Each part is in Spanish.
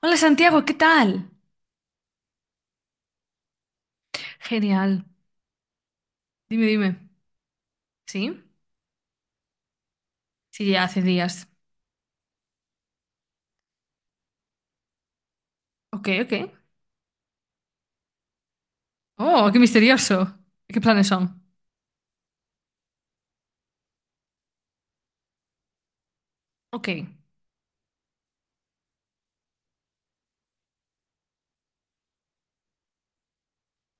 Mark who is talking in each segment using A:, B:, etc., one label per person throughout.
A: Hola Santiago, ¿qué tal? Genial. Dime, dime. ¿Sí? Sí, ya hace días. Ok, ok. Oh, qué misterioso. ¿Qué planes son? Ok.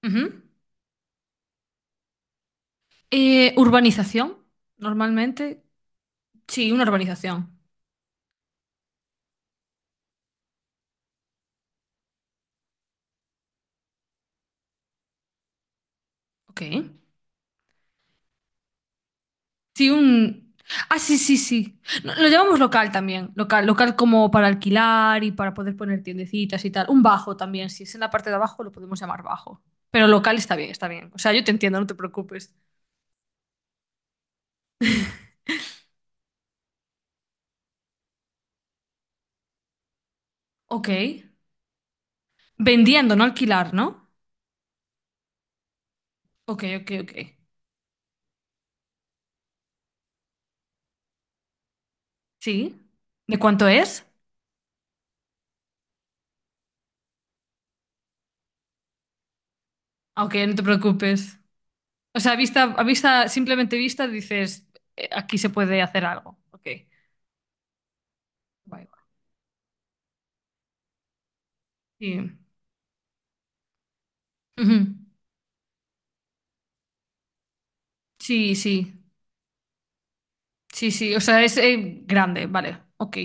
A: Ujú. Urbanización, normalmente. Sí, una urbanización. Ok. Sí. Ah, sí, sí, sí. No, lo llamamos local también. Local, local como para alquilar y para poder poner tiendecitas y tal. Un bajo también. Si es en la parte de abajo, lo podemos llamar bajo. Pero local está bien, está bien. O sea, yo te entiendo, no te preocupes. Ok. Vendiendo, no alquilar, ¿no? Ok, ok, ok. Sí. ¿De cuánto es? Ah, ok, no te preocupes. O sea, a vista, simplemente vista, dices, Aquí se puede hacer algo." Ok. Guay, guay. Sí. Ujú. Sí, sí. Sí, sí. O sea, es grande, vale. Ok.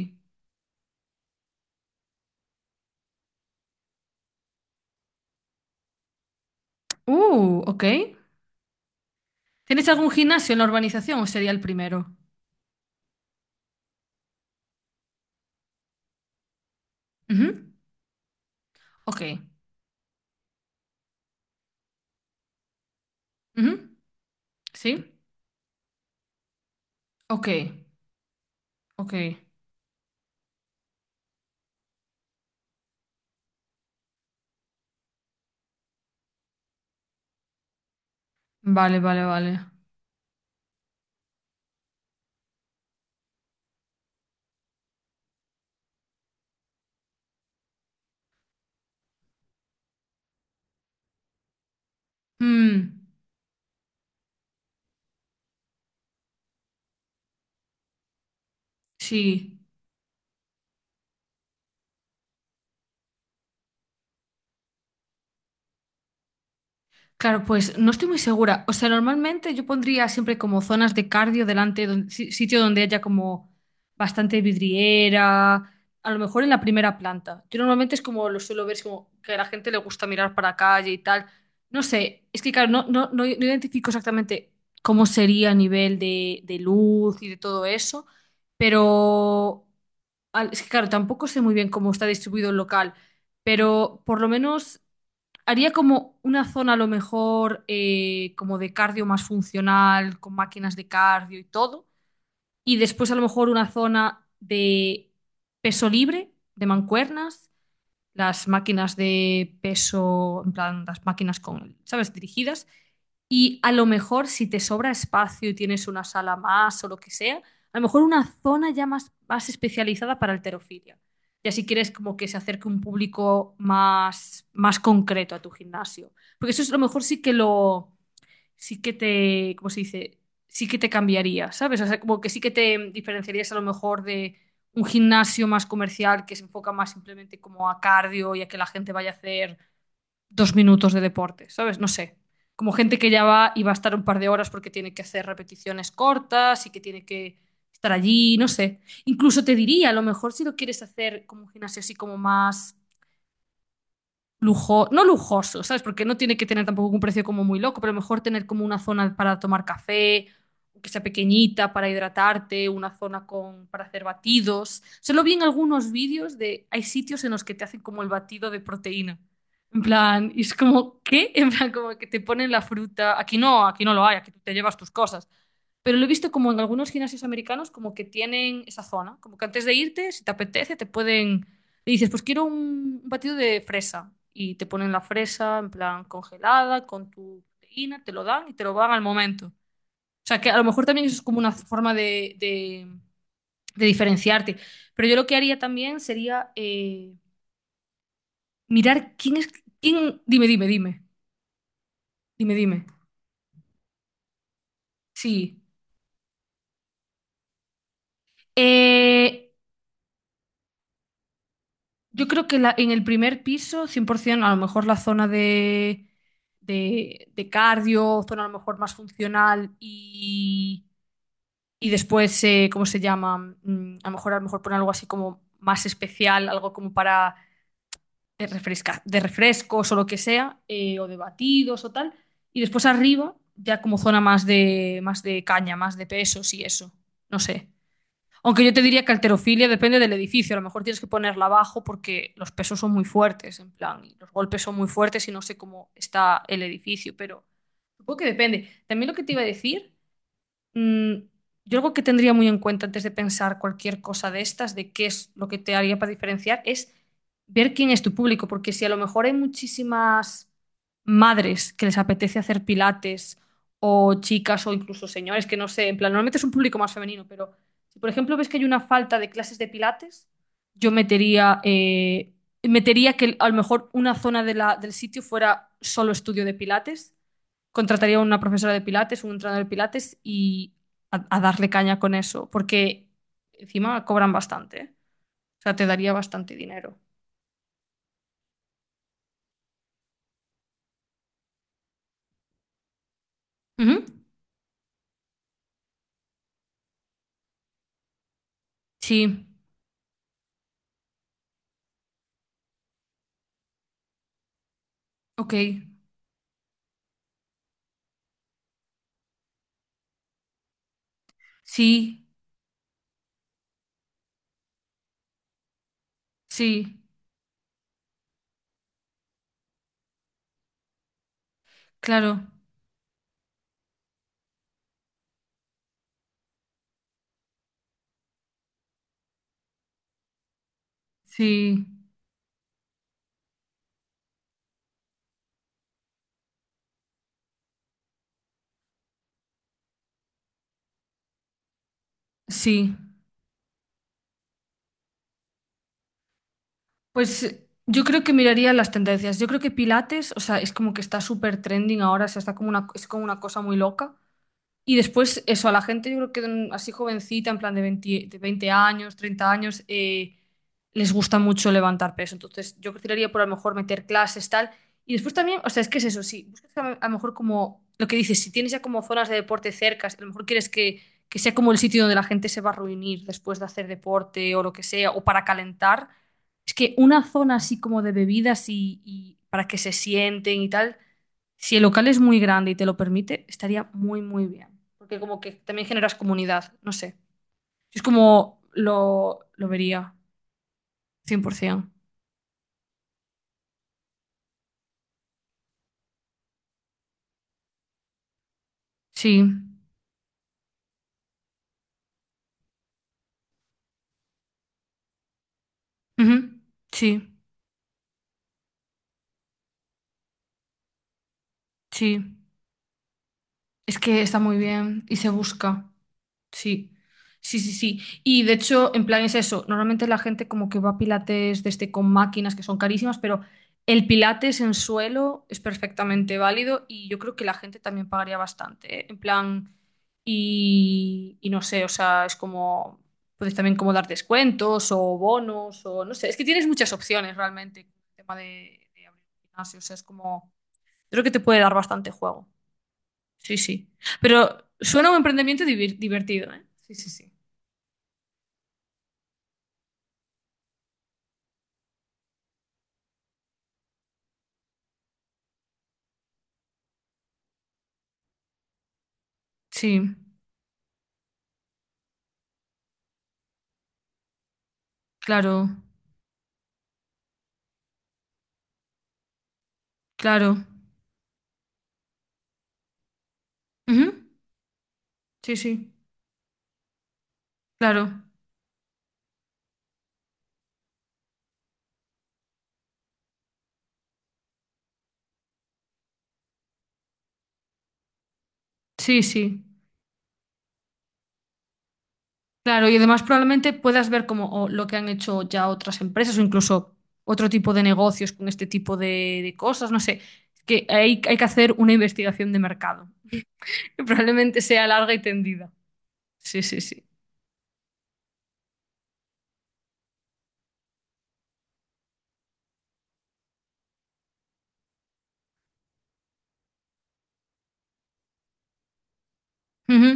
A: Ok. ¿Tienes algún gimnasio en la urbanización o sería el primero? Ujú. Ok. Ujú. Sí. Ok. Ok. Vale, vale, vale. Mm, sí. Claro, pues no estoy muy segura. O sea, normalmente yo pondría siempre como zonas de cardio delante, sitio donde haya como bastante vidriera, a lo mejor en la primera planta. Yo normalmente es como lo suelo ver, es como que a la gente le gusta mirar para calle y tal. No sé, es que claro, no, no, no, no identifico exactamente cómo sería a nivel de luz y de todo eso, pero es que claro, tampoco sé muy bien cómo está distribuido el local, pero por lo menos. Haría como una zona a lo mejor como de cardio más funcional, con máquinas de cardio y todo. Y después a lo mejor una zona de peso libre, de mancuernas, las máquinas de peso, en plan, las máquinas con, ¿sabes? Dirigidas. Y a lo mejor si te sobra espacio y tienes una sala más o lo que sea, a lo mejor una zona ya más, más especializada para alterofilia. Y así quieres como que se acerque un público más, más concreto a tu gimnasio. Porque eso es lo mejor sí que lo, sí que te, ¿cómo se dice? Sí que te cambiaría, ¿sabes? O sea, como que sí que te diferenciarías a lo mejor de un gimnasio más comercial que se enfoca más simplemente como a cardio y a que la gente vaya a hacer 2 minutos de deporte, ¿sabes? No sé. Como gente que ya va y va a estar un par de horas porque tiene que hacer repeticiones cortas y que tiene que estar allí, no sé. Incluso te diría, a lo mejor si lo quieres hacer como un gimnasio así como más lujo, no lujoso, ¿sabes? Porque no tiene que tener tampoco un precio como muy loco, pero mejor tener como una zona para tomar café, que sea pequeñita para hidratarte, una zona con, para hacer batidos. Solo vi en algunos vídeos de, hay sitios en los que te hacen como el batido de proteína. En plan, y es como, ¿qué? En plan, como que te ponen la fruta. Aquí no lo hay, aquí tú te llevas tus cosas. Pero lo he visto como en algunos gimnasios americanos, como que tienen esa zona, como que antes de irte, si te apetece, te pueden, le dices, pues quiero un batido de fresa y te ponen la fresa en plan congelada, con tu proteína, te lo dan y te lo van al momento. O sea, que a lo mejor también eso es como una forma de diferenciarte. Pero yo lo que haría también sería mirar quién es, quién, dime, dime, dime, dime, dime. Sí. Eh, Yo creo que en el primer piso, 100%, a lo mejor la zona de cardio, zona a lo mejor más funcional y después, ¿cómo se llama? A lo mejor, a lo mejor poner algo así como más especial, algo como para de refrescos o lo que sea, o de batidos o tal. Y después arriba, ya como zona más de caña, más de pesos y eso. No sé. Aunque yo te diría que alterofilia depende del edificio. A lo mejor tienes que ponerla abajo porque los pesos son muy fuertes, en plan, y los golpes son muy fuertes y no sé cómo está el edificio, pero supongo que depende. También lo que te iba a decir. Mm, yo algo que tendría muy en cuenta antes de pensar cualquier cosa de estas, de qué es lo que te haría para diferenciar, es ver quién es tu público, porque si a lo mejor hay muchísimas madres que les apetece hacer pilates, o chicas, o incluso señores, que no sé, en plan, normalmente es un público más femenino, pero si por ejemplo ves que hay una falta de clases de pilates, yo metería que a lo mejor una zona del sitio fuera solo estudio de pilates contrataría a una profesora de pilates, un entrenador de pilates y a darle caña con eso, porque encima cobran bastante, ¿eh? O sea, te daría bastante dinero. Ujú. Sí, ok. Sí, sí, claro. Sí, sí. Pues yo creo que miraría las tendencias. Yo creo que Pilates, o sea, es como que está súper trending ahora, o sea, está es como una cosa muy loca. Y después, eso, a la gente, yo creo que así jovencita, en plan de 20 años, 30 años, les gusta mucho levantar peso. Entonces, yo creo tiraría por a lo mejor meter clases, tal. Y después también, o sea, es que es eso, sí, buscas a lo mejor como lo que dices, si tienes ya como zonas de deporte cercas, a lo mejor quieres que sea como el sitio donde la gente se va a reunir después de hacer deporte o lo que sea, o para calentar. Es que una zona así como de bebidas y para que se sienten y tal, si el local es muy grande y te lo permite, estaría muy, muy bien. Porque como que también generas comunidad, no sé. Si es como lo vería, 100%. Sí. Ujú. Sí, sí. Es que está muy bien y se busca. Sí, sí, sí, sí. Y de hecho, en plan es eso. Normalmente la gente como que va a pilates desde con máquinas que son carísimas, pero el pilates en suelo es perfectamente válido y yo creo que la gente también pagaría bastante, ¿eh? En plan, y no sé, o sea, es como, puedes también como dar descuentos o bonos o no sé, es que tienes muchas opciones realmente con el tema de abrir un gimnasio, o sea, es como, creo que te puede dar bastante juego. Sí, sí. Pero suena un emprendimiento divertido, ¿eh? Sí, sí, sí. Sí, claro, claro. Ujú. Sí, sí, claro. Sí, sí, claro. Y además probablemente puedas ver como o lo que han hecho ya otras empresas o incluso otro tipo de negocios con este tipo de cosas, no sé. Es que hay que hacer una investigación de mercado, que probablemente sea larga y tendida. Sí, sí, sí. Ujú.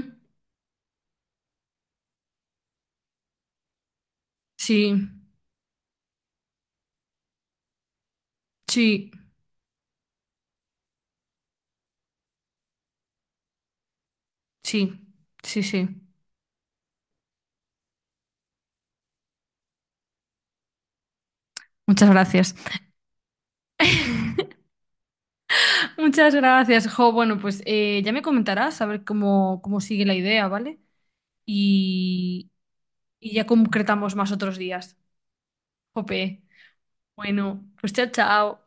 A: Sí, sí, sí, sí, sí. Muchas gracias. Muchas gracias, Jo. Bueno, pues ya me comentarás a ver cómo sigue la idea, ¿vale? Y, y ya concretamos más otros días. Jope. Bueno, pues chao, chao.